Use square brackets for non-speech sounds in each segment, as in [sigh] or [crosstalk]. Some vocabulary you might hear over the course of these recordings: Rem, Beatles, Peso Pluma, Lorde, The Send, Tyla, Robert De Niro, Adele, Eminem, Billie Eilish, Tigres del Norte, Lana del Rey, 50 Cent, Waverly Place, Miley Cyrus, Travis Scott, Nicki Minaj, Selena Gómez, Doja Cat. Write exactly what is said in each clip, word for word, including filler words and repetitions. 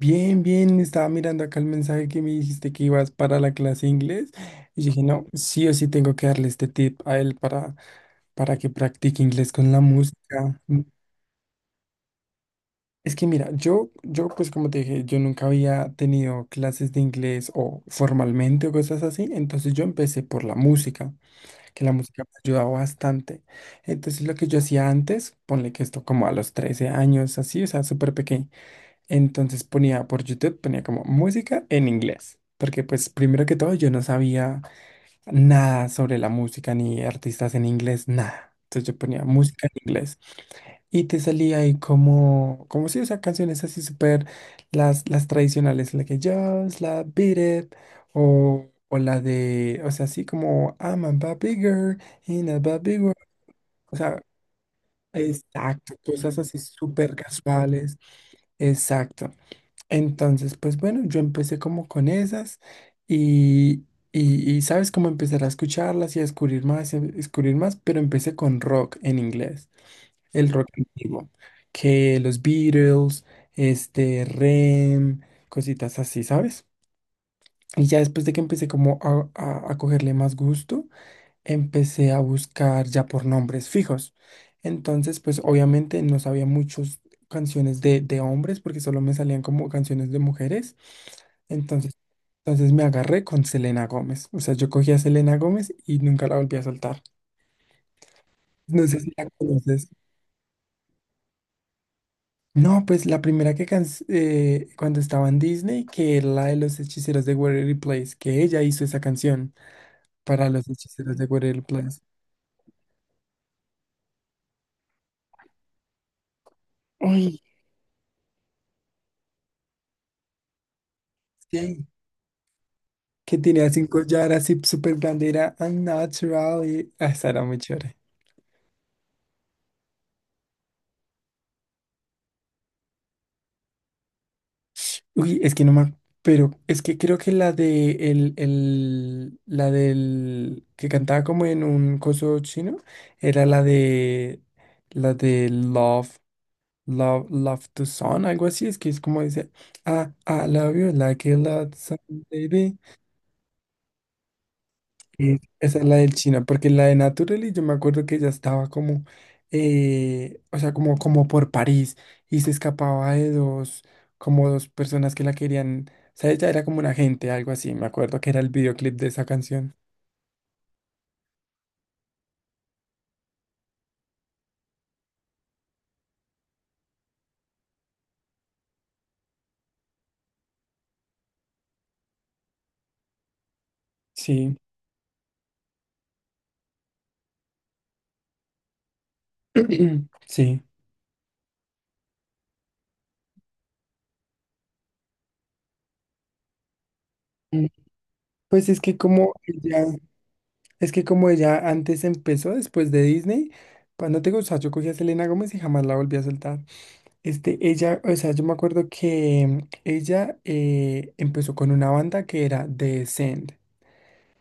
Bien, bien, estaba mirando acá el mensaje que me dijiste que ibas para la clase de inglés y dije, no, sí o sí tengo que darle este tip a él para, para que practique inglés con la música. Mm, Es que mira, yo, yo pues como te dije, yo nunca había tenido clases de inglés o formalmente o cosas así, entonces yo empecé por la música, que la música me ayudaba bastante. Entonces lo que yo hacía antes, ponle que esto como a los trece años, así, o sea, súper pequeño. Entonces ponía por YouTube, ponía como música en inglés, porque pues primero que todo yo no sabía nada sobre la música ni artistas en inglés, nada. Entonces yo ponía música en inglés y te salía ahí como, como si, o sea, canciones así súper, las, las tradicionales, la que Just la Beat It o, o la de, o sea, así como I'm a bad bigger in a bad big world. O sea, exacto, cosas así súper casuales. Exacto. Entonces, pues bueno, yo empecé como con esas y, y, y, sabes, cómo empezar a escucharlas y a descubrir más, y a descubrir más, pero empecé con rock en inglés, el rock antiguo, que los Beatles, este, Rem, cositas así, ¿sabes? Y ya después de que empecé como a, a- a cogerle más gusto, empecé a buscar ya por nombres fijos. Entonces, pues obviamente no sabía muchas canciones de, de hombres porque solo me salían como canciones de mujeres. Entonces, entonces me agarré con Selena Gómez. O sea, yo cogí a Selena Gómez y nunca la volví a soltar. No sé si la conoces. No, pues la primera que can- eh, cuando estaba en Disney, que era la de los hechiceros de Waverly Place, que ella hizo esa canción para los hechiceros de Waverly Place. Uy, sí. Que tenía así un collar así súper grande, era unnatural y ah, esa era muy chévere. Uy, es que no me... Pero es que creo que la de el, el, la del que cantaba como en un coso chino era la de la de Love, Love, Love to Sun, algo así, es que es como dice, ah, I love you like a lot. Sí, esa es la del China, porque la de Naturally yo me acuerdo que ella estaba como, eh, o sea, como, como por París y se escapaba de dos, como dos personas que la querían, o sea, ella era como un agente, algo así, me acuerdo que era el videoclip de esa canción. Sí, [clears throat] sí. Mm, Pues es que como ella, es que como ella antes empezó después de Disney, cuando te gusta, yo cogí a Selena Gómez y jamás la volví a soltar. Este, ella, o sea, yo me acuerdo que ella eh, empezó con una banda que era The Send.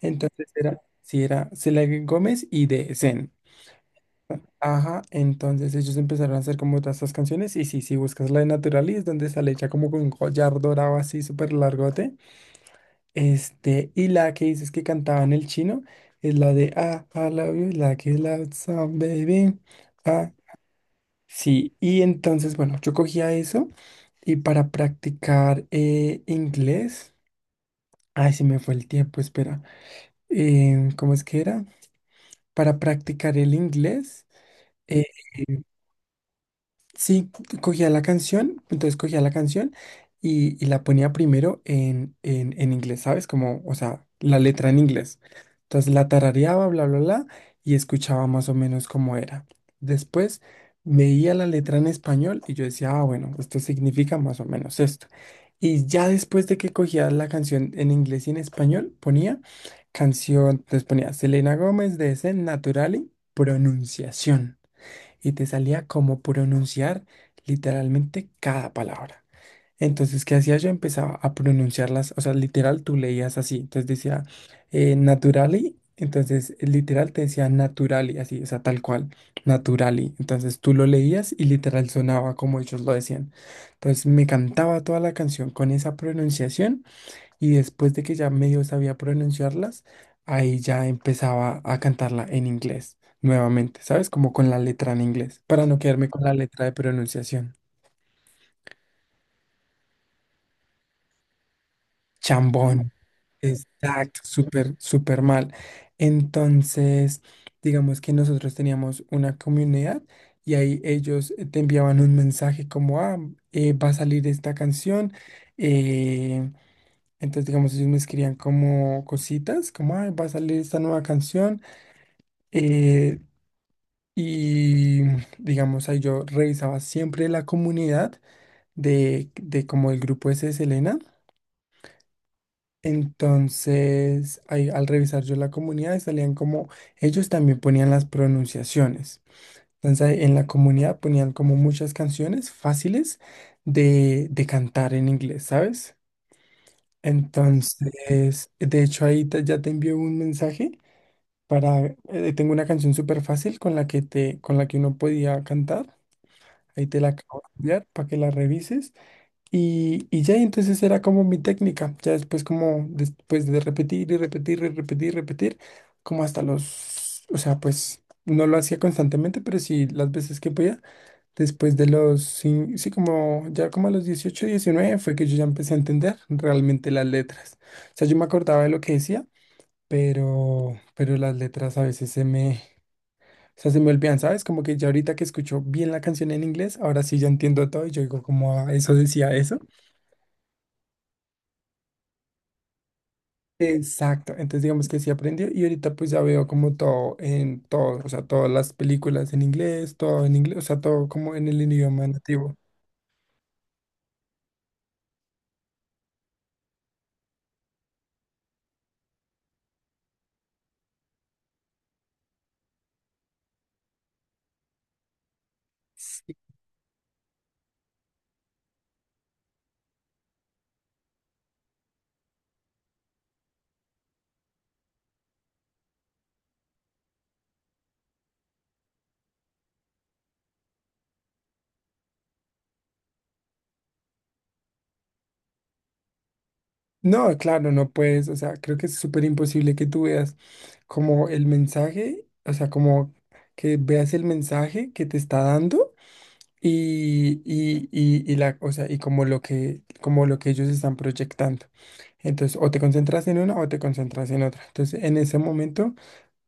Entonces era, sí, era Selena Gómez y The Send. Ajá, entonces ellos empezaron a hacer como todas estas canciones. Y sí, si buscas la de Naturalis, donde sale ella como con un collar dorado así súper largote. Este, y la que dices que cantaba en el chino es la de ah, I love you like a loud song, baby. Ah, sí. Y entonces, bueno, yo cogía eso. Y para practicar eh, inglés, ay, se me fue el tiempo, espera. Em, ¿cómo es que era? Para practicar el inglés, eh, sí, cogía la canción, entonces cogía la canción y, y la ponía primero en, en, en inglés, ¿sabes? Como, o sea, la letra en inglés. Entonces la tarareaba, bla, bla, bla, y escuchaba más o menos cómo era. Después veía la letra en español y yo decía, ah, bueno, esto significa más o menos esto. Y ya después de que cogía la canción en inglés y en español, ponía canción, entonces ponía Selena Gómez de Zen Naturali, pronunciación y te salía como pronunciar literalmente cada palabra. Entonces, ¿qué hacía yo? Empezaba a pronunciarlas, o sea, literal tú leías así, entonces decía eh, naturally, entonces eh, literal te decía naturally, así, o sea, tal cual, naturally. Entonces tú lo leías y literal sonaba como ellos lo decían. Entonces me cantaba toda la canción con esa pronunciación y después de que ya medio sabía pronunciarlas, ahí ya empezaba a cantarla en inglés nuevamente, ¿sabes? Como con la letra en inglés, para no quedarme con la letra de pronunciación. Chambón. Exacto, súper, súper mal. Entonces, digamos que nosotros teníamos una comunidad y ahí ellos eh, te enviaban un mensaje como, ah, eh, va a salir esta canción. eh, entonces, digamos, ellos me escribían como cositas, como, ah, va a salir esta nueva canción. Eh, y digamos, ahí yo revisaba siempre la comunidad de, de como el grupo ese de Selena. Entonces, ahí, al revisar yo la comunidad, salían como ellos también ponían las pronunciaciones. Entonces, ahí en la comunidad ponían como muchas canciones fáciles de, de cantar en inglés, ¿sabes? Entonces, de hecho, ahí te- ya te envió un mensaje para, eh, tengo una canción súper fácil con la que te, con la que uno podía cantar. Ahí te la acabo de enviar para que la revises. Y, y ya, y entonces era como mi técnica. Ya después, como después de repetir y repetir y repetir y repetir, como hasta los. O sea, pues no lo hacía constantemente, pero sí las veces que podía. Después de los. Sí, sí, como ya como a los dieciocho diecinueve fue que yo ya empecé a entender realmente las letras. O sea, yo me acordaba de lo que decía, pero, pero las letras a veces se me, sea, se me olvidan, ¿sabes? Como que ya ahorita que escucho bien la canción en inglés, ahora sí ya entiendo todo y yo digo como, "Ah, eso decía eso". Exacto, entonces digamos que sí aprendió y ahorita pues ya veo como todo en todo, o sea, todas las películas en inglés, todo en inglés, o sea, todo como en el idioma nativo. Sí. No, claro, no puedes, o sea, creo que es súper imposible que tú veas como el mensaje, o sea, como que veas el mensaje que te está dando. y, y, y, y la, o sea, y como lo que, como lo que ellos están proyectando. Entonces, o te concentras en una o te concentras en otra. Entonces, en ese momento,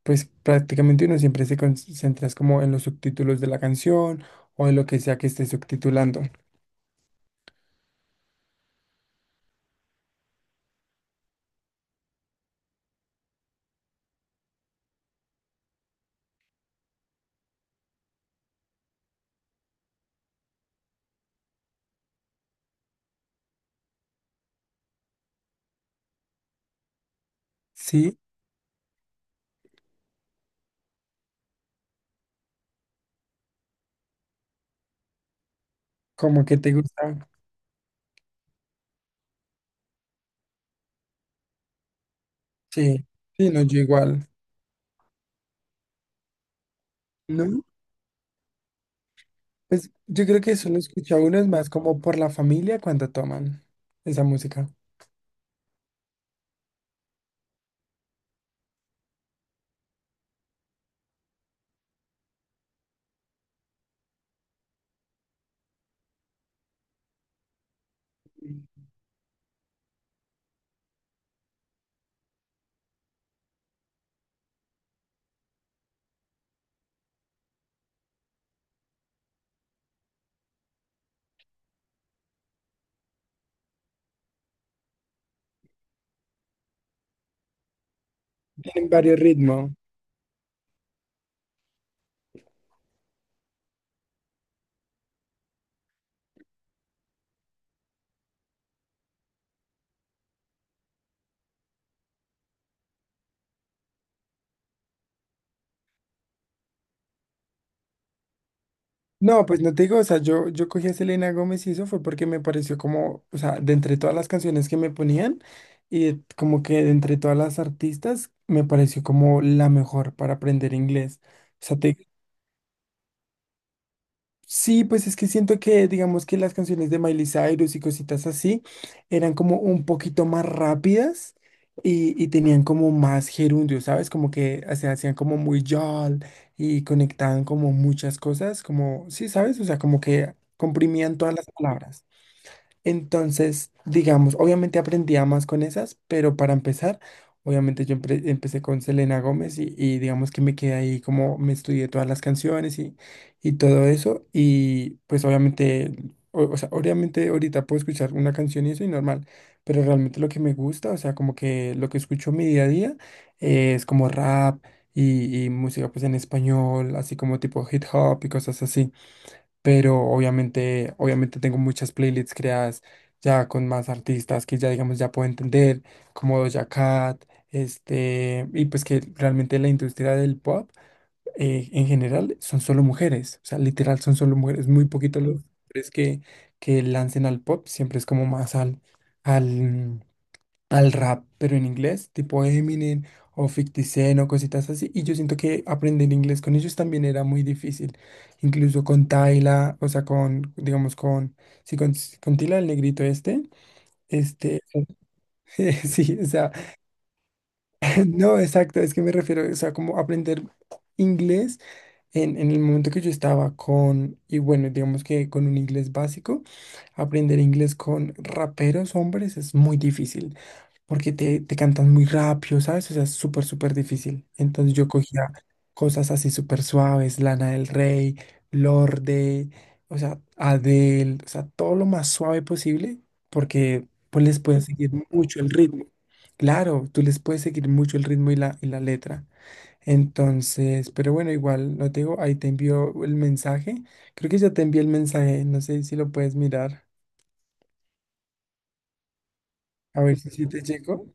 pues prácticamente uno siempre se concentra es como en los subtítulos de la canción o en lo que sea que esté subtitulando. Sí, como que te gusta. Sí, sí, no, yo igual. No, pues yo creo que eso lo escucha uno es más como por la familia cuando toman esa música. Tienen varios ritmos. No, pues no te digo, o sea, yo, yo cogí a Selena Gómez y eso fue porque me pareció como, o sea, de entre todas las canciones que me ponían y de- como que de entre todas las artistas me pareció como la mejor para aprender inglés. O sea, te sí, pues es que siento que, digamos que las canciones de Miley Cyrus y cositas así eran como un poquito más rápidas y, y tenían como más gerundio, ¿sabes? Como que se hacían como muy yol y conectaban como muchas cosas, como, sí, ¿sabes? O sea, como que comprimían todas las palabras. Entonces, digamos, obviamente aprendía más con esas, pero para empezar, obviamente yo empe- empecé con Selena Gómez y, y digamos que me quedé ahí como me estudié todas las canciones y, y todo eso. Y pues obviamente, o, o sea, obviamente ahorita puedo escuchar una canción y eso y normal, pero realmente lo que me gusta, o sea, como que lo que escucho en mi día a día eh, es como rap y, y música pues en español, así como tipo hip hop y cosas así, pero obviamente, obviamente tengo muchas playlists creadas ya con más artistas que ya, digamos, ya puedo entender, como Doja Cat, este, y pues que realmente la industria del pop eh, en general son solo mujeres, o sea, literal son solo mujeres, muy poquitos los hombres que, que lancen al pop, siempre es como más al, al, al rap, pero en inglés, tipo Eminem o fifty cent o cositas así. Y yo siento que aprender inglés con ellos también era muy difícil. Incluso con Tyla, o sea, con, digamos, con, sí, con, con, Tyla, el negrito este, este, [laughs] sí, o sea, [laughs] no, exacto, es que me refiero, o sea, como aprender inglés en, en el momento que yo estaba con, y bueno, digamos que con un inglés básico, aprender inglés con raperos hombres es muy difícil, porque te, te cantan muy rápido, ¿sabes? O sea, es súper, súper difícil. Entonces yo cogía cosas así súper suaves, Lana del Rey, Lorde, o sea, Adele, o sea, todo lo más suave posible, porque pues les puedes seguir mucho el ritmo. Claro, tú les puedes seguir mucho el ritmo y la, y la letra. Entonces, pero bueno, igual, no te digo, ahí te envío el mensaje. Creo que ya te envié el mensaje, no sé si lo puedes mirar, a ver si sí te llegó.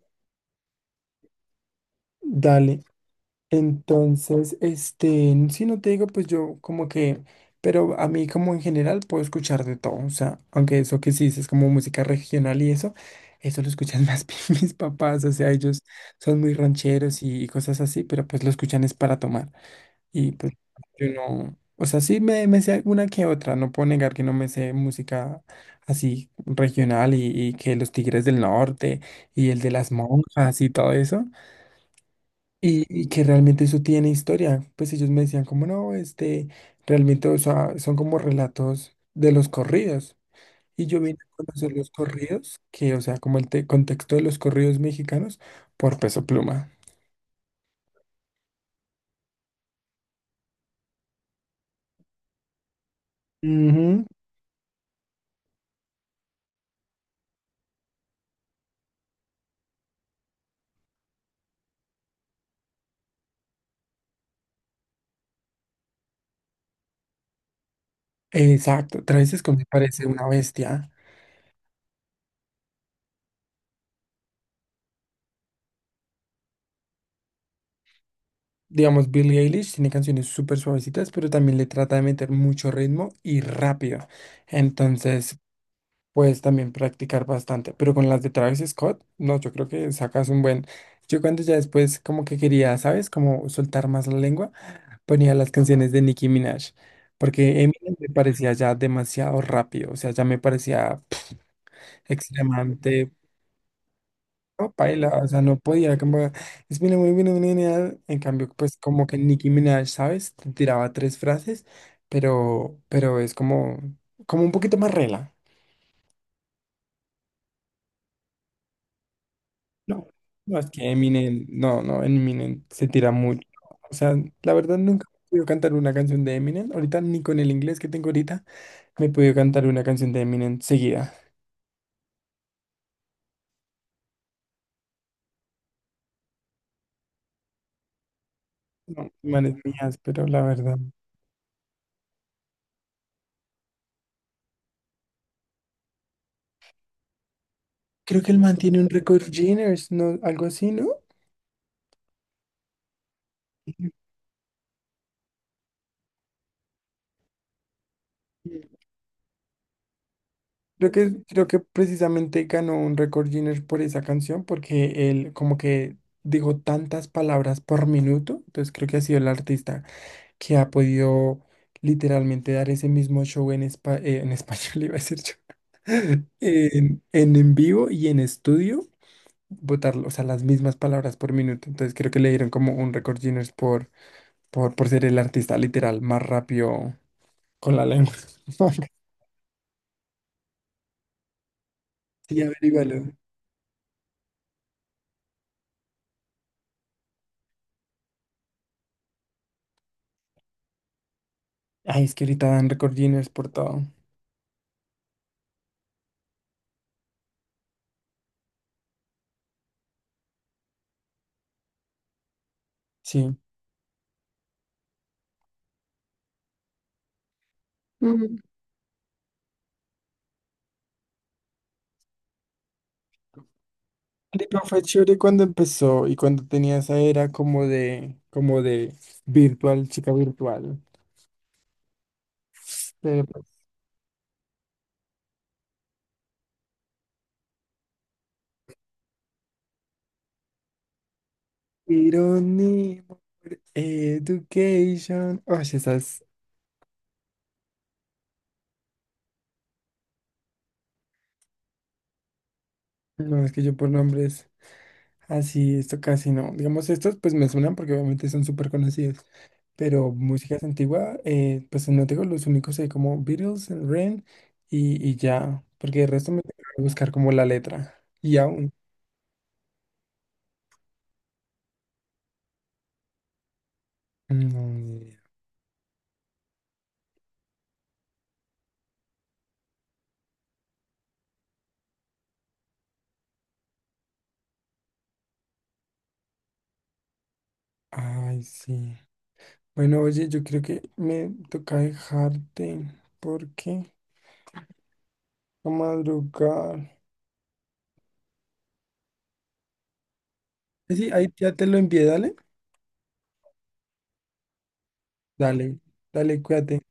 Dale, entonces, este, si no te digo, pues yo como que, pero a mí como en general puedo escuchar de todo, o sea, aunque eso que sí es como música regional y eso, eso lo escuchan más [laughs] bien mis papás, o sea, ellos son muy rancheros y, y cosas así, pero pues lo escuchan es para tomar. Y pues yo no, o sea, sí me, me sé alguna que otra, no puedo negar que no me sé música así regional y, y que los Tigres del Norte y el de las monjas y todo eso, y, y que realmente eso tiene historia. Pues ellos me decían como no, este, realmente, o sea, son como relatos de los corridos. Y yo vine a conocer los corridos, que, o sea, como el te- contexto de los corridos mexicanos por Peso Pluma. Ujú, exacto, Travis Scott me parece una bestia. Digamos, Billie Eilish tiene canciones súper suavecitas, pero también le trata de meter mucho ritmo y rápido. Entonces, puedes también practicar bastante. Pero con las de Travis Scott, no, yo creo que sacas un buen. Yo cuando ya después como que quería, ¿sabes? Como soltar más la lengua, ponía las canciones de Nicki Minaj. Porque Eminem me parecía ya demasiado rápido, o sea, ya me parecía extremadamente no, paila, o sea, no podía. Como, es mi muy bien, en cambio, pues como que Nicki Minaj, ¿sabes? Te tiraba tres frases, pero, pero es como, como un poquito más rela. No, no, es que Eminem, no, no, Eminem se tira mucho. O sea, la verdad nunca he podido cantar una canción de Eminem. Ahorita ni con el inglés que tengo ahorita me he podido cantar una canción de Eminem seguida. No, manes mías, pero la verdad. Creo que el man tiene un récord Guinness, ¿no? Algo así, ¿no? Creo que, creo que precisamente ganó un récord Guinness por esa canción porque él como que dijo tantas palabras por minuto, entonces creo que ha sido el artista que ha podido literalmente dar ese mismo show en, espa- eh, en español, [laughs] iba a decir yo, [laughs] en, en en vivo y en estudio, botarlo, o sea, las mismas palabras por minuto, entonces creo que le dieron como un récord Guinness por, por, por ser el artista literal más rápido con la lengua. [laughs] Sí, averígualo. Ay, es que ahorita dan récord Guinness por todo. Sí. Ujú. Pero fue chévere cuando empezó y cuando tenía esa era como de, como de virtual, chica virtual. Pero, pues, Irony, Education. Oye, esas, no, es que yo por nombres así, esto casi no. Digamos, estos pues me suenan porque obviamente son súper conocidos. Pero músicas antiguas, eh, pues no tengo los únicos ahí como Beatles, Ren y, y ya. Porque el resto me tengo que buscar como la letra. Y aún. No, ni idea. Ay, sí. Bueno, oye, yo creo que me toca dejarte porque a madrugar. Eh, Sí, ahí ya te lo envié, dale. Dale, dale, cuídate.